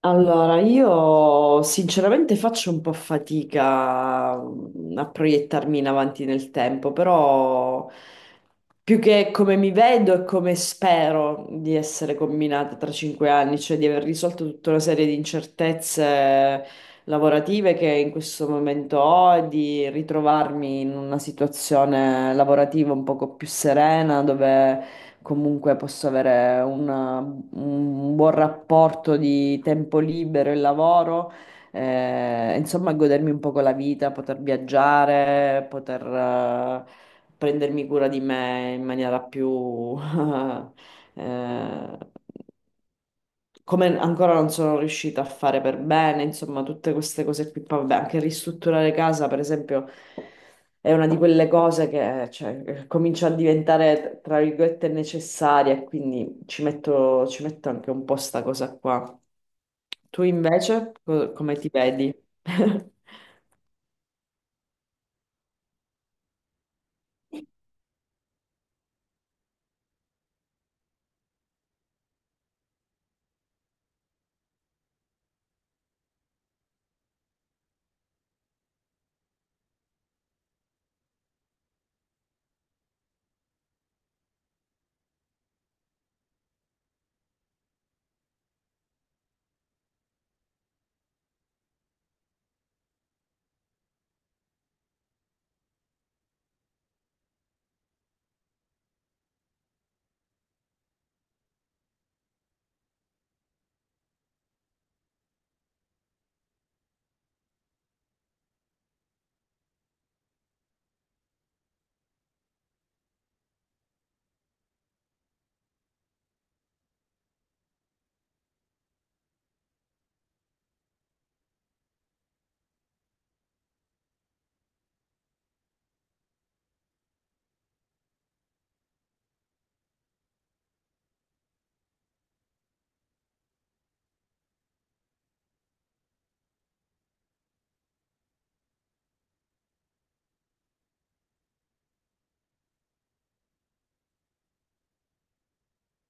Allora, io sinceramente faccio un po' fatica a proiettarmi in avanti nel tempo, però più che come mi vedo e come spero di essere combinata tra 5 anni, cioè di aver risolto tutta una serie di incertezze lavorative che in questo momento ho e di ritrovarmi in una situazione lavorativa un poco più serena, dove comunque posso avere un buon rapporto di tempo libero e lavoro, insomma, godermi un poco la vita, poter viaggiare, poter prendermi cura di me in maniera più eh, come ancora non sono riuscita a fare per bene, insomma, tutte queste cose qui. Poi, vabbè, anche ristrutturare casa, per esempio, è una di quelle cose che, cioè, comincia a diventare, tra virgolette, necessaria, e quindi ci metto anche un po' sta cosa qua. Tu invece, come ti vedi?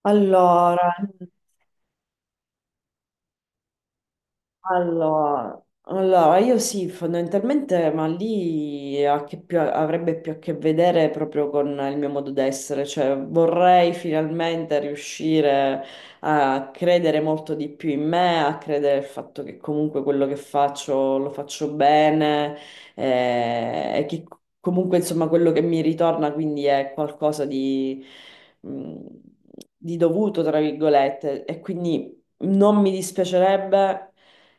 Allora, mm, allora, io sì, fondamentalmente, ma lì ha che avrebbe più a che vedere proprio con il mio modo d'essere, cioè vorrei finalmente riuscire a credere molto di più in me, a credere al fatto che comunque quello che faccio lo faccio bene, e che comunque insomma quello che mi ritorna quindi è qualcosa mh, di dovuto, tra virgolette, e quindi non mi dispiacerebbe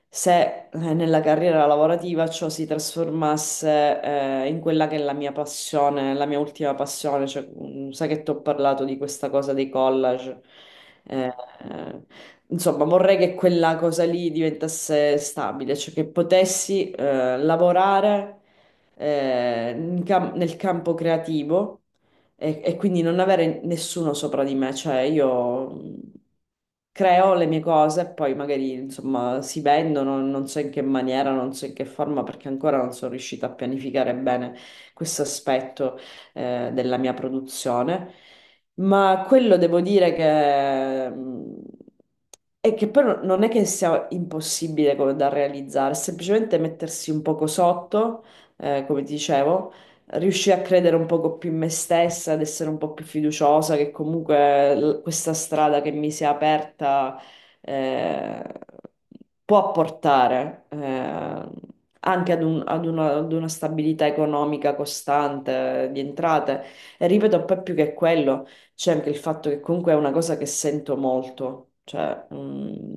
se, nella carriera lavorativa, ciò si trasformasse in quella che è la mia passione, la mia ultima passione. Cioè, sai che ti ho parlato di questa cosa dei collage. Eh, eh, insomma, vorrei che quella cosa lì diventasse stabile, cioè che potessi lavorare nel campo creativo, e quindi non avere nessuno sopra di me. Cioè, io creo le mie cose e poi magari insomma si vendono, non so in che maniera, non so in che forma, perché ancora non sono riuscita a pianificare bene questo aspetto della mia produzione. Ma quello devo dire che... E che però non è che sia impossibile come da realizzare, è semplicemente mettersi un poco sotto, come ti dicevo, riuscii a credere un poco più in me stessa, ad essere un po' più fiduciosa, che comunque l- questa strada che mi si è aperta eh, può portare anche ad una stabilità economica costante di entrate. E ripeto, poi, più che quello, c'è anche il fatto che comunque è una cosa che sento molto, cioè... mm,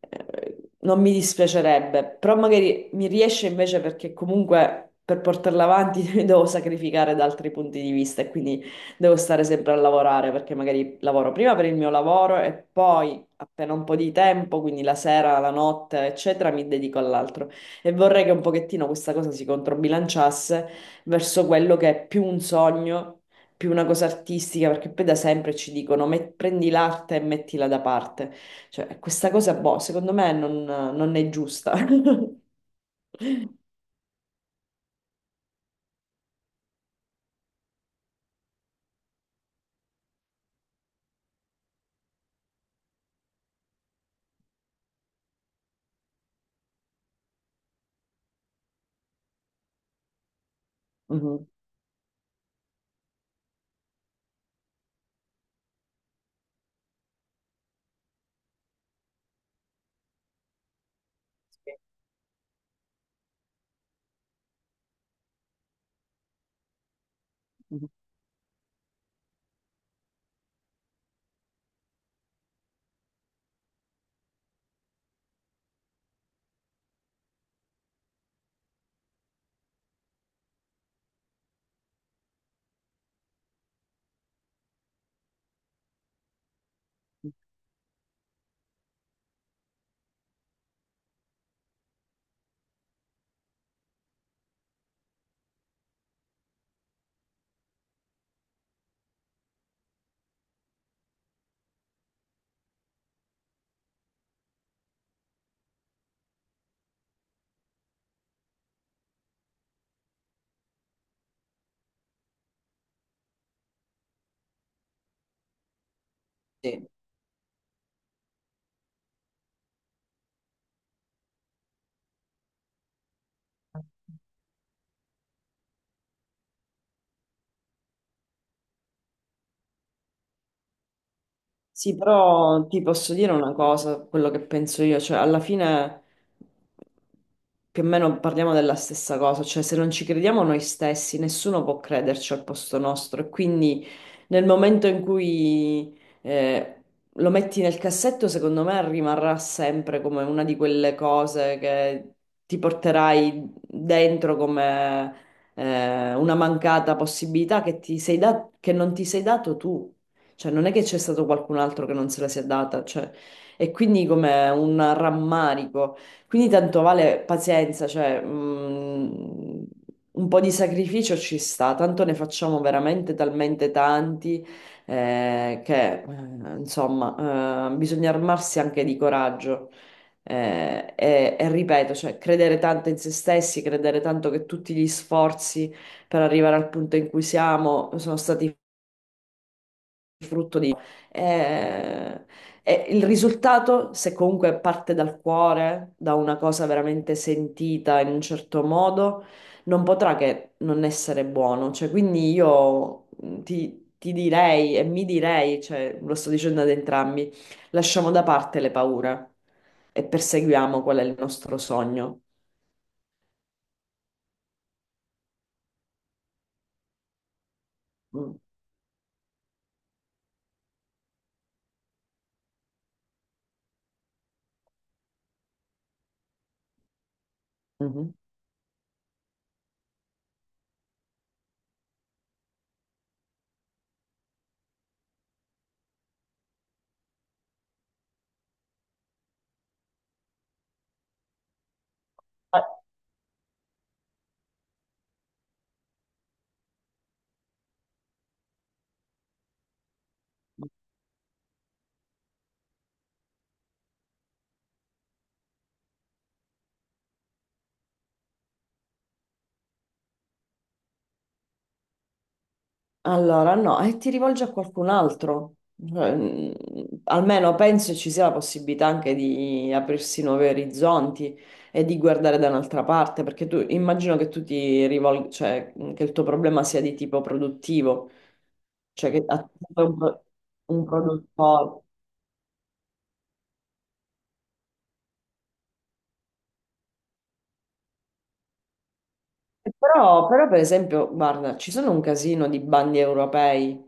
eh, non mi dispiacerebbe, però magari mi riesce invece perché comunque per portarla avanti devo sacrificare da altri punti di vista e quindi devo stare sempre a lavorare, perché magari lavoro prima per il mio lavoro e poi, appena un po' di tempo, quindi la sera, la notte, eccetera, mi dedico all'altro, e vorrei che un pochettino questa cosa si controbilanciasse verso quello che è più un sogno. Più una cosa artistica, perché poi da sempre ci dicono: "Prendi l'arte e mettila da parte." Cioè, questa cosa, boh, secondo me non è giusta. Mhm. Sì. Mhm. Sì. Sì, però ti posso dire una cosa, quello che penso io, cioè alla fine più o meno parliamo della stessa cosa. Cioè, se non ci crediamo noi stessi, nessuno può crederci al posto nostro, e quindi nel momento in cui eh, lo metti nel cassetto, secondo me rimarrà sempre come una di quelle cose che ti porterai dentro come una mancata possibilità che che non ti sei dato tu. Cioè, non è che c'è stato qualcun altro che non se la sia data, cioè, e quindi come un rammarico. Quindi tanto vale, pazienza, cioè, un po' di sacrificio ci sta, tanto ne facciamo veramente talmente tanti, che, insomma, bisogna armarsi anche di coraggio. E ripeto, cioè, credere tanto in se stessi, credere tanto che tutti gli sforzi per arrivare al punto in cui siamo sono stati frutto di... Eh, e il risultato, se comunque parte dal cuore, da una cosa veramente sentita in un certo modo, non potrà che non essere buono. Cioè, quindi io ti direi e mi direi, cioè, lo sto dicendo ad entrambi: lasciamo da parte le paure e perseguiamo qual è il nostro sogno. Mm. Mhm. Allora, no, e ti rivolgi a qualcun altro. Cioè, almeno penso ci sia la possibilità anche di aprirsi nuovi orizzonti e di guardare da un'altra parte, perché tu, immagino, che tu ti rivolgi, cioè che il tuo problema sia di tipo produttivo, cioè che un, pro- un produttore. Però, per esempio, guarda, ci sono un casino di bandi europei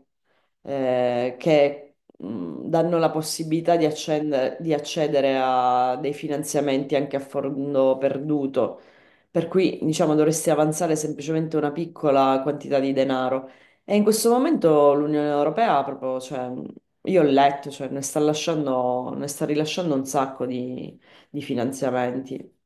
che danno la possibilità di accedere a dei finanziamenti anche a fondo perduto. Per cui, diciamo, dovresti avanzare semplicemente una piccola quantità di denaro. E in questo momento l'Unione Europea proprio, cioè, io ho letto, cioè, ne sta lasciando, ne sta rilasciando un sacco di finanziamenti.